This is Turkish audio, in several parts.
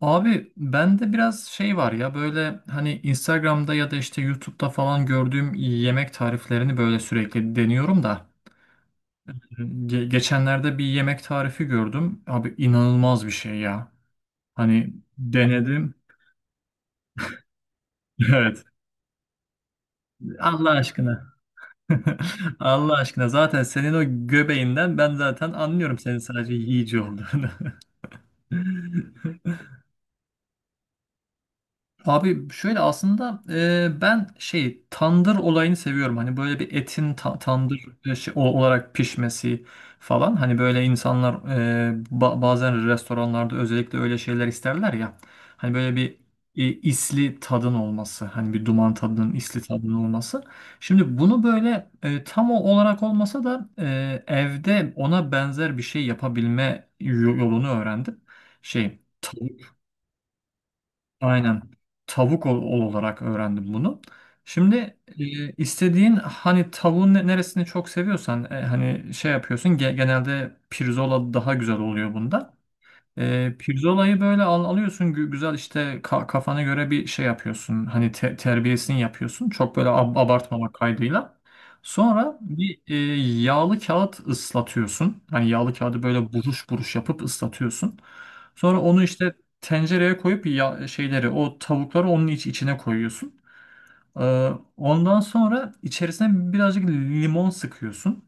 Abi bende biraz şey var ya böyle hani Instagram'da ya da işte YouTube'da falan gördüğüm yemek tariflerini böyle sürekli deniyorum da. Geçenlerde bir yemek tarifi gördüm. Abi inanılmaz bir şey ya. Hani denedim. Evet. Allah aşkına. Allah aşkına, zaten senin o göbeğinden ben zaten anlıyorum senin sadece yiyici olduğunu. Abi şöyle aslında ben şey tandır olayını seviyorum. Hani böyle bir etin tandır olarak pişmesi falan. Hani böyle insanlar bazen restoranlarda özellikle öyle şeyler isterler ya. Hani böyle bir isli tadın olması. Hani bir duman tadının isli tadının olması. Şimdi bunu böyle tam o olarak olmasa da evde ona benzer bir şey yapabilme yolunu öğrendim. Şey aynen. Tavuk ol, ol olarak öğrendim bunu. Şimdi istediğin hani tavuğun neresini çok seviyorsan hani şey yapıyorsun, genelde pirzola daha güzel oluyor bunda. Pirzolayı böyle alıyorsun, güzel işte kafana göre bir şey yapıyorsun. Hani terbiyesini yapıyorsun. Çok böyle abartmamak kaydıyla. Sonra bir yağlı kağıt ıslatıyorsun. Hani yağlı kağıdı böyle buruş buruş yapıp ıslatıyorsun. Sonra onu işte tencereye koyup ya şeyleri, o tavukları onun içine koyuyorsun. Ee, ondan sonra içerisine birazcık limon sıkıyorsun.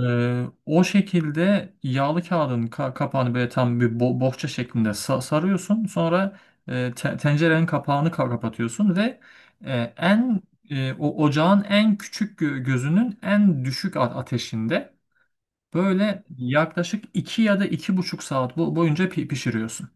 O şekilde yağlı kağıdın kapağını böyle tam bir bohça şeklinde sarıyorsun. Sonra tencerenin kapağını kapatıyorsun ve e, en o ocağın en küçük gözünün en düşük ateşinde böyle yaklaşık 2 ya da 2,5 saat boyunca pişiriyorsun.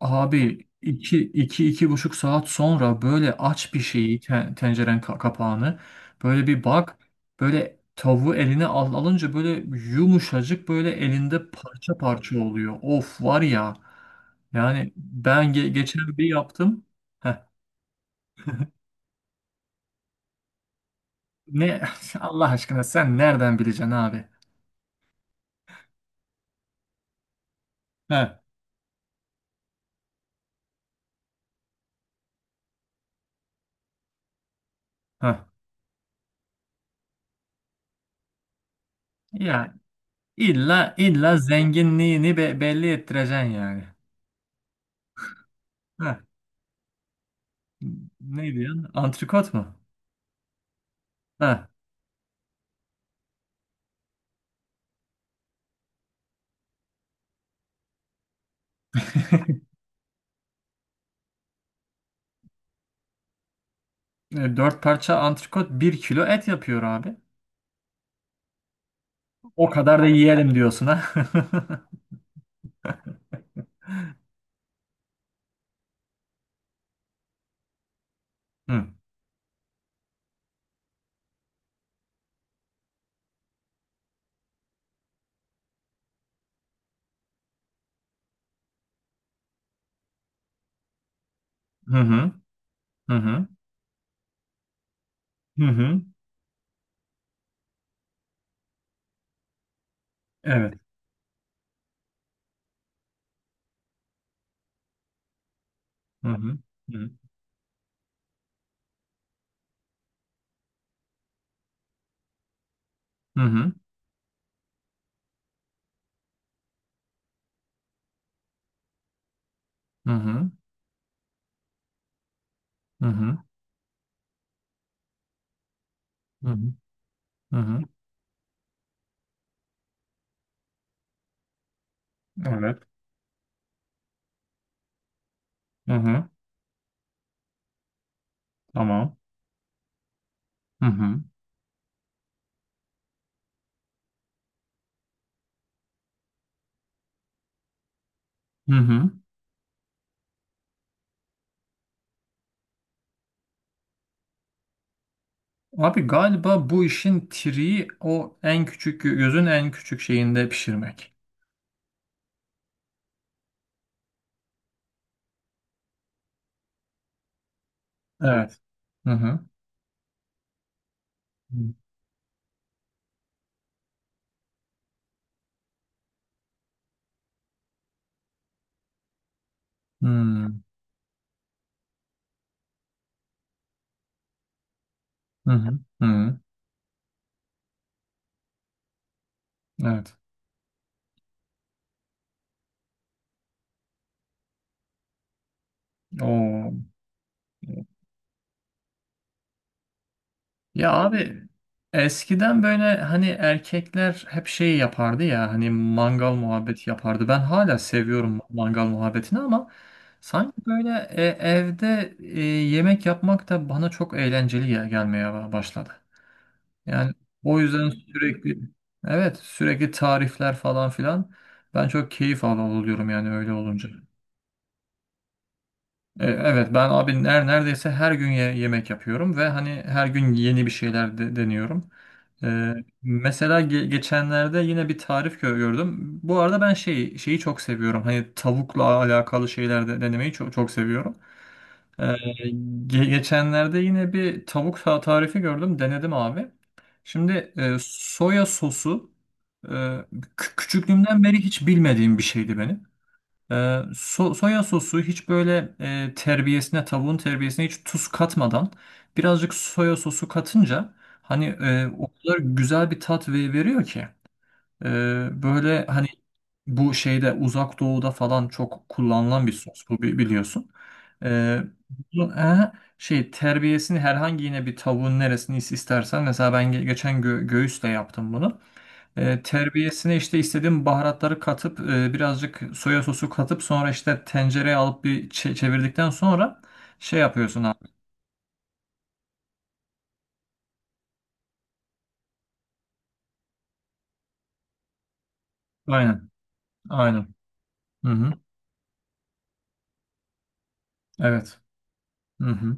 Abi 2,5 saat sonra böyle aç bir şeyi, tenceren kapağını böyle bir bak, böyle tavuğu eline alınca böyle yumuşacık, böyle elinde parça parça oluyor. Of, var ya, yani ben geçen bir yaptım. Heh, ne Allah aşkına, sen nereden bileceksin abi? Heh, heh. Ya illa illa zenginliğini belli ettireceksin yani. Heh. Ne diyorsun? Antrikot mu? Heh. 4 parça antrikot 1 kilo et yapıyor abi. O kadar da yiyelim diyorsun ha. Hı hı hı hı hı hı. Hı. Evet. Hı hı hı hı hı hı hı hı hı hı. Hı. Hı. Evet. Hı hı. Tamam. Hı hı hı hı. Abi galiba bu işin triği o en küçük gözün en küçük şeyinde pişirmek. Evet. Hı hı. Hı hı hı hı. Hı. Evet. Oo. Ya abi, eskiden böyle hani erkekler hep şey yapardı ya, hani mangal muhabbeti yapardı. Ben hala seviyorum mangal muhabbetini, ama sanki böyle evde yemek yapmak da bana çok eğlenceli ya, gelmeye başladı. Yani o yüzden sürekli, evet, sürekli tarifler falan filan, ben çok keyif alıyorum yani öyle olunca. Evet, ben abi neredeyse her gün yemek yapıyorum ve hani her gün yeni bir şeyler deniyorum. E, mesela geçenlerde yine bir tarif gördüm. Bu arada ben şeyi çok seviyorum. Hani tavukla alakalı şeyler de denemeyi çok çok seviyorum. E, geçenlerde yine bir tavuk tarifi gördüm. Denedim abi. Şimdi soya sosu küçüklüğümden beri hiç bilmediğim bir şeydi benim. Soya sosu hiç böyle terbiyesine, tavuğun terbiyesine hiç tuz katmadan birazcık soya sosu katınca, hani o kadar güzel bir tat veriyor ki. E, böyle hani bu şeyde, uzak doğuda falan çok kullanılan bir sos bu, biliyorsun. E, bu- e, şey, terbiyesini herhangi, yine bir tavuğun neresini istersen, mesela ben geçen göğüsle yaptım bunu. Terbiyesine işte istediğim baharatları katıp, birazcık soya sosu katıp sonra işte tencereye alıp bir çevirdikten sonra şey yapıyorsun abi. Aynen. Aynen. Hı hı. Evet. Hı hı.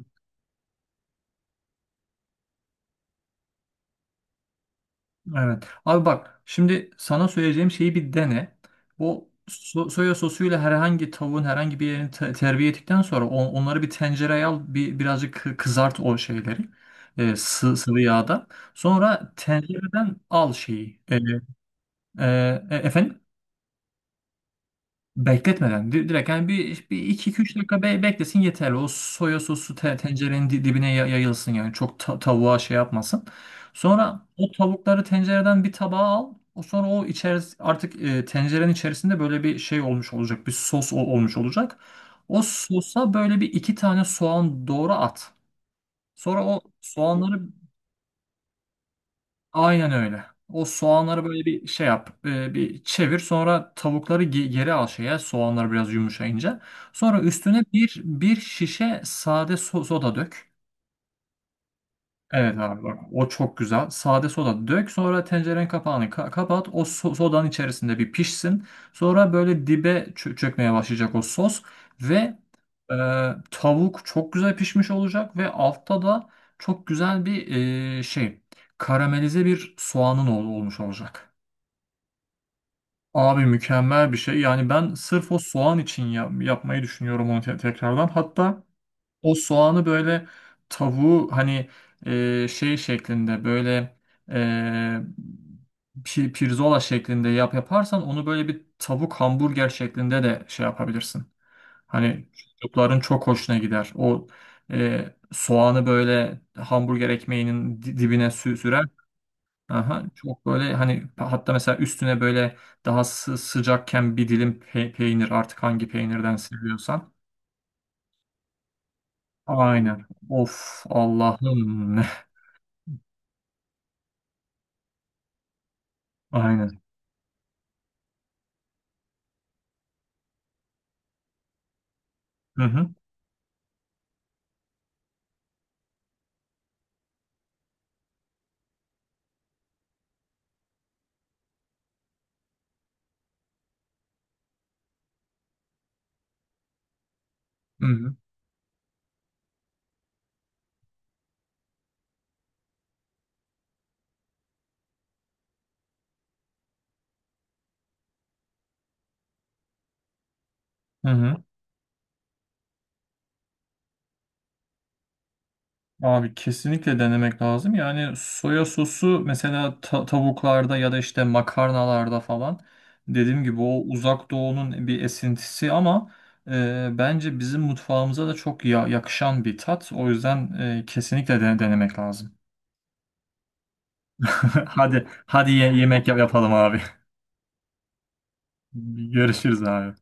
Evet. Abi bak, şimdi sana söyleyeceğim şeyi bir dene. O soya sosuyla herhangi tavuğun herhangi bir yerini terbiye ettikten sonra onları bir tencereye al, bir birazcık kızart o şeyleri. Sıvı yağda. Sonra tencereden al şeyi. Efendim? Bekletmeden direkt, yani bir 2-3 dakika beklesin yeterli. O soya sosu tencerenin dibine yayılsın, yani çok tavuğa şey yapmasın. Sonra o tavukları tencereden bir tabağa al. O sonra o içeris artık, tencerenin içerisinde böyle bir şey olmuş olacak. Bir sos olmuş olacak. O sosa böyle bir iki tane soğan doğru at. Sonra o soğanları, aynen öyle. O soğanları böyle bir şey yap, bir çevir. Sonra tavukları geri al şeye, soğanlar biraz yumuşayınca. Sonra üstüne bir şişe sade soda dök. Evet abi bak, o çok güzel. Sade soda dök, sonra tencerenin kapağını kapat. O sodanın içerisinde bir pişsin. Sonra böyle dibe çökmeye başlayacak o sos. Ve e, tavuk çok güzel pişmiş olacak. Ve altta da çok güzel bir e, şey karamelize bir soğanın olmuş olacak. Abi mükemmel bir şey. Yani ben sırf o soğan için yapmayı düşünüyorum onu tekrardan. Hatta... O soğanı böyle, tavuğu hani şey şeklinde, böyle e, pirzola şeklinde yaparsan, onu böyle bir tavuk hamburger şeklinde de şey yapabilirsin. Hani çocukların çok hoşuna gider. O soğanı böyle hamburger ekmeğinin dibine sürer. Aha, çok böyle hani, hatta mesela üstüne böyle daha sıcakken bir dilim peynir, artık hangi peynirden seviyorsan. Aynen. Of Allah'ım. Aynen. Hı hı. Hı hı. Hı hı. Abi kesinlikle denemek lazım. Yani soya sosu mesela tavuklarda ya da işte makarnalarda falan, dediğim gibi o uzak doğunun bir esintisi ama bence bizim mutfağımıza da çok yakışan bir tat. O yüzden kesinlikle denemek lazım. Hadi hadi yemek yapalım abi. Görüşürüz abi.